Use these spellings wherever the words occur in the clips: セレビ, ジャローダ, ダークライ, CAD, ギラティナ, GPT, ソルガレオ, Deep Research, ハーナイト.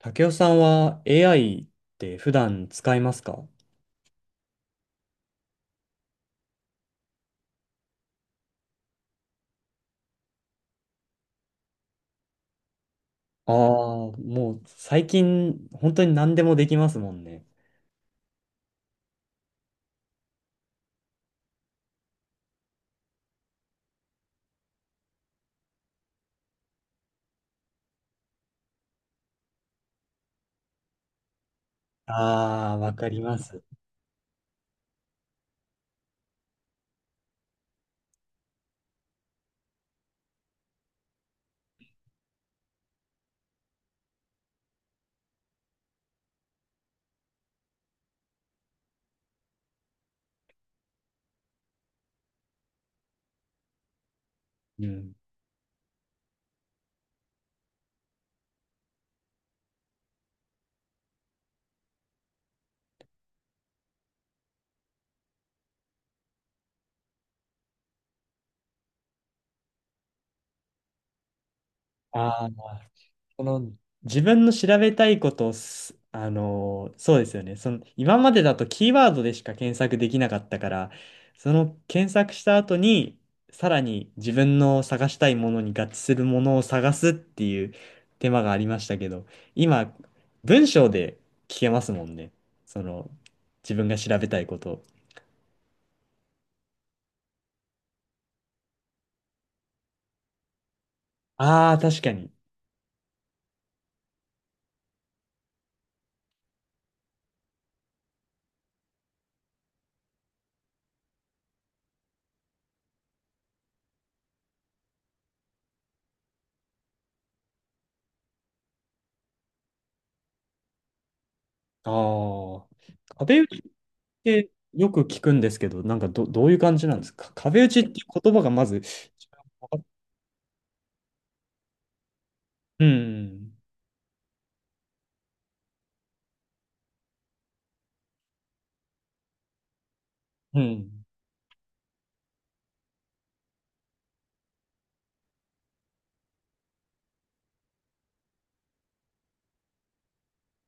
竹雄さんは AI って普段使いますか？ああー、もう最近本当に何でもできますもんね。ああ、わかります。うん。あその自分の調べたいことをす、あのーそうですよね。その今までだとキーワードでしか検索できなかったから、その検索した後に、さらに自分の探したいものに合致するものを探すっていう手間がありましたけど、今、文章で聞けますもんね。その、自分が調べたいことを。ああ、確かに。ああ、壁打ちてよく聞くんですけど、どういう感じなんですか、壁打ちっていう言葉がまず。うん、うん。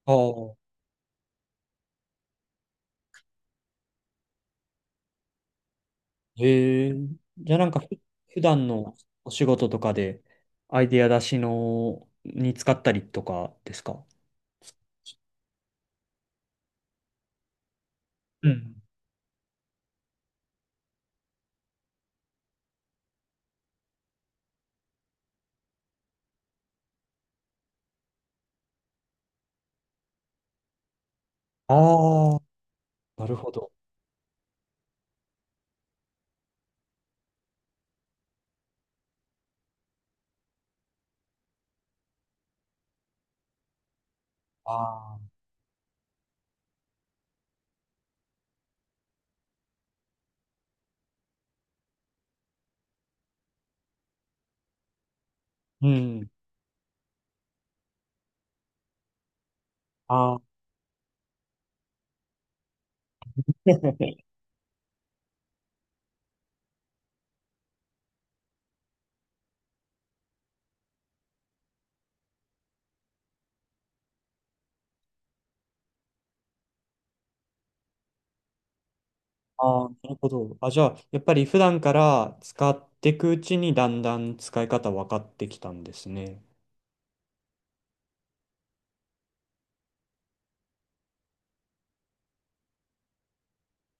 ああ、へえ。じゃあなんかふ、普段のお仕事とかで、アイデア出しに使ったりとかですか？うん。ああ、なるほど。ああ、うん。ああ。ああ、なるほど。あ、じゃあ、やっぱり普段から使っていくうちにだんだん使い方分かってきたんですね。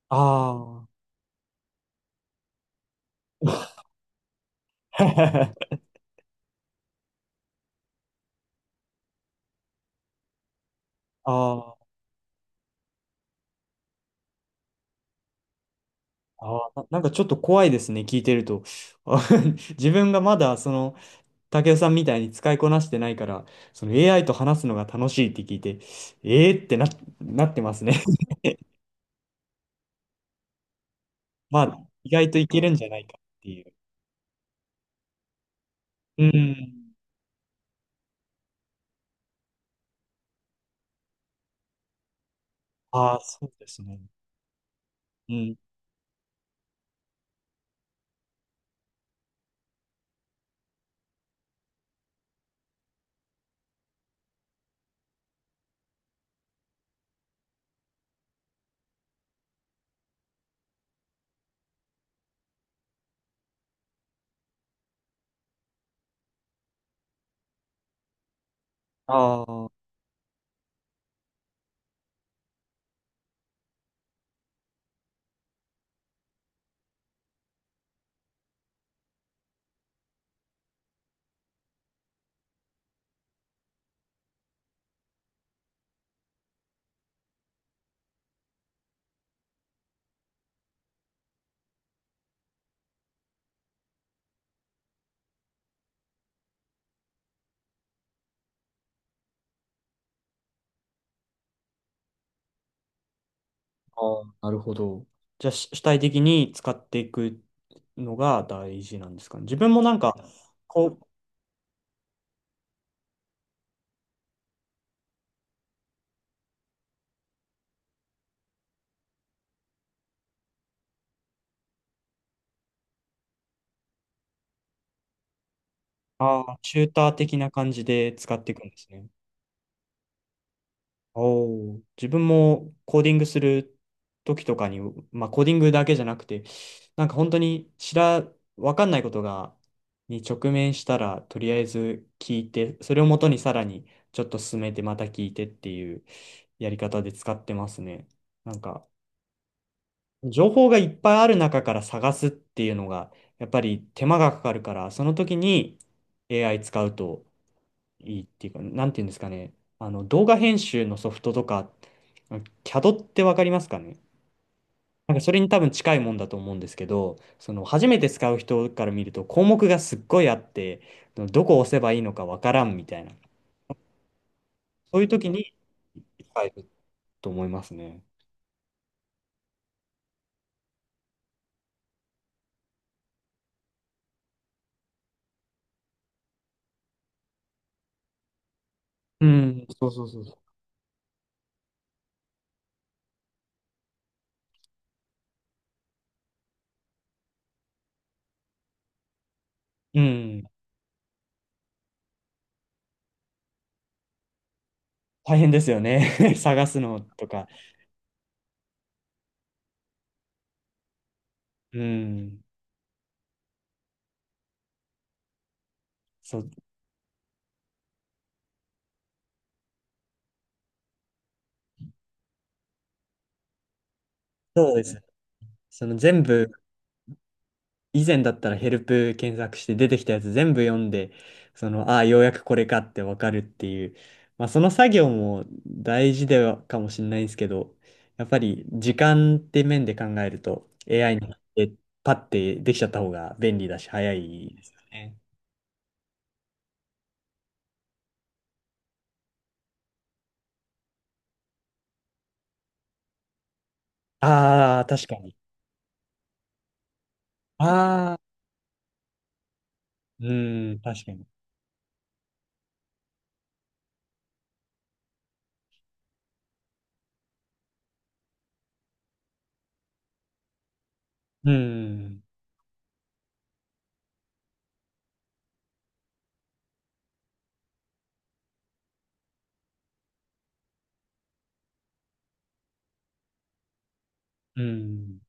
ああ。ああ、ななんかちょっと怖いですね、聞いてると。あ。 自分がまだ、その、武雄さんみたいに使いこなしてないから、その AI と話すのが楽しいって聞いて、えーってな、なってますね。まあ、意外といけるんじゃないかっていう。うん。ああ、そうですね。うん。あーあー、なるほど。じゃあ、し主体的に使っていくのが大事なんですかね。自分もなんか、こう、ああ、チューター的な感じで使っていくんですね。おー自分もコーディングする時とかに、まあ、コーディングだけじゃなくて、なんか本当にわかんないことが、に直面したら、とりあえず聞いて、それをもとにさらにちょっと進めて、また聞いてっていうやり方で使ってますね。なんか、情報がいっぱいある中から探すっていうのが、やっぱり手間がかかるから、その時に AI 使うと、いいっていうか、なんていうんですかね。あの、動画編集のソフトとか、CAD ってわかりますかね？なんかそれに多分近いもんだと思うんですけど、その初めて使う人から見ると項目がすっごいあって、どこを押せばいいのかわからんみたいな、そういう時に使えると思いますね。うん、そうそうそうそう。うん、大変ですよね。探すのとか。うん、そう、そうです。その全部以前だったらヘルプ検索して出てきたやつ全部読んで、その、ああ、ようやくこれかってわかるっていう、まあその作業も大事ではかもしれないんですけど、やっぱり時間って面で考えると AI にパッてできちゃった方が便利だし早いですよね。ああ、確かに。ああ、うん、確かに。うん、うん。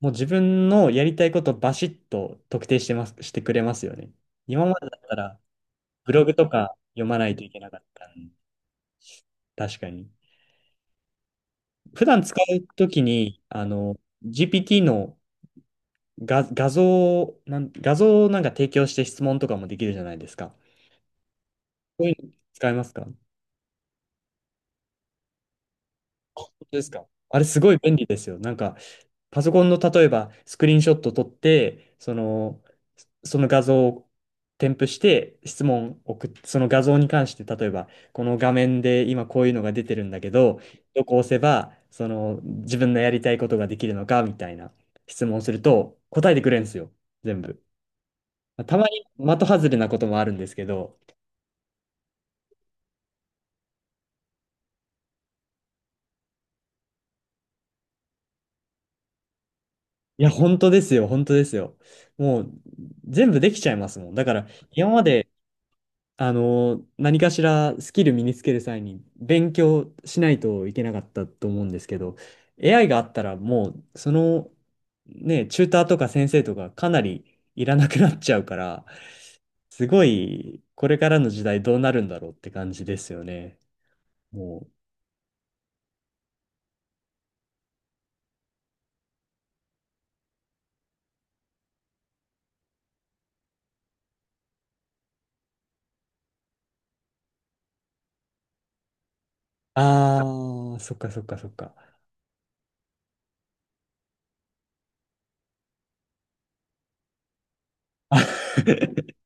もう自分のやりたいことバシッと特定してます、してくれますよね。今までだったら、ブログとか読まないといけなかったんで。確かに。普段使うときに、あの、GPT の画像を、画像をなんか提供して質問とかもできるじゃないですか。そういうの使いますか、本当ですか？あれすごい便利ですよ。なんか、パソコンの例えばスクリーンショット撮って、その、その画像を添付して質問を送って、その画像に関して例えば、この画面で今こういうのが出てるんだけど、どこ押せば、その自分のやりたいことができるのかみたいな質問をすると答えてくれるんですよ、全部。たまに的外れなこともあるんですけど。いや、本当ですよ、本当ですよ。もう全部できちゃいますもん。だから今まであの、何かしらスキル身につける際に勉強しないといけなかったと思うんですけど、AI があったらもう、その、ね、チューターとか先生とかかなりいらなくなっちゃうから、すごい、これからの時代どうなるんだろうって感じですよね。もう、あー、そっかそっかそっか。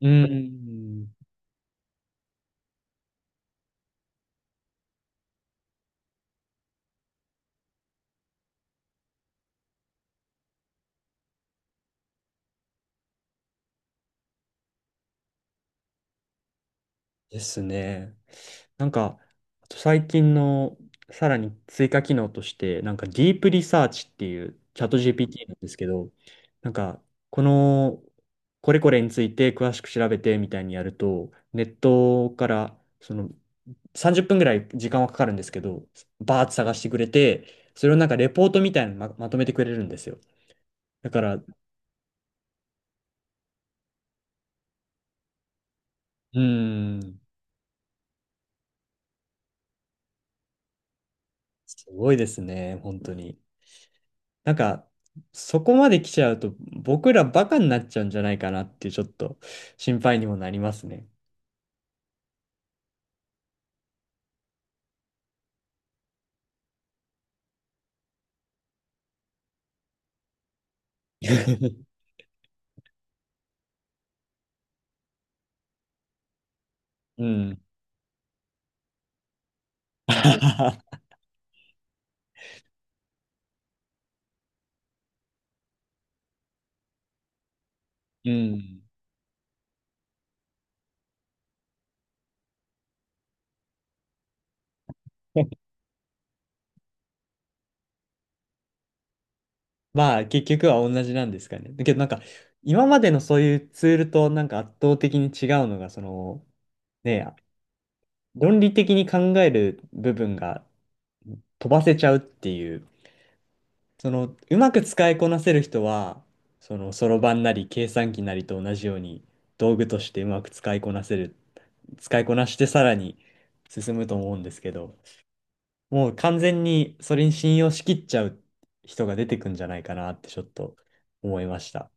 うん。ですね。なんか、あと最近のさらに追加機能として、なんかディープリサーチっていうチャット GPT なんですけど、なんか、この、これこれについて詳しく調べてみたいにやると、ネットから、その、30分ぐらい時間はかかるんですけど、バーッと探してくれて、それをなんかレポートみたいなのま、まとめてくれるんですよ。だから、うーん、すごいですね、本当に。なんか、そこまで来ちゃうと、僕らバカになっちゃうんじゃないかなっていう、ちょっと心配にもなりますね。うん。うん。まあ、結局は同じなんですかね。だけど、なんか、今までのそういうツールと、なんか圧倒的に違うのが、その、ね、論理的に考える部分が飛ばせちゃうっていう、その、うまく使いこなせる人は、その、そろばんなり計算機なりと同じように、道具としてうまく使いこなしてさらに進むと思うんですけど、もう完全にそれに信用しきっちゃう人が出てくんじゃないかなってちょっと思いました。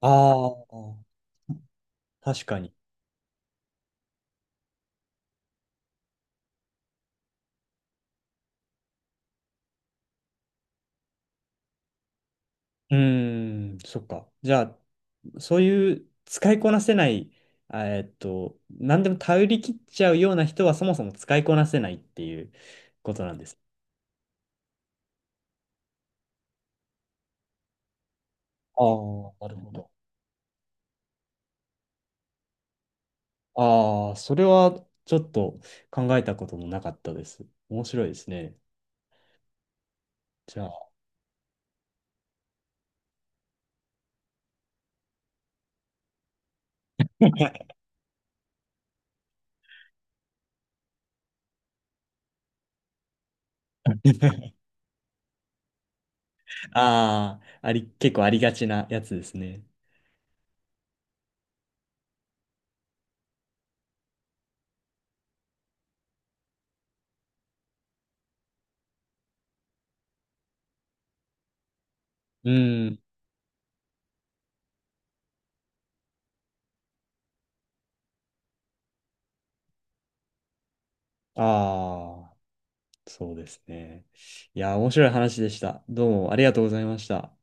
ああ、確かに。うーん、そっか。じゃあ、そういう使いこなせない、何でも頼り切っちゃうような人はそもそも使いこなせないっていうことなんです。ああ、なるほど。ああ、それはちょっと考えたこともなかったです。面白いですね。じゃあ。ああ、あり、結構ありがちなやつですね。うん。ああ、そうですね。いや、面白い話でした。どうもありがとうございました。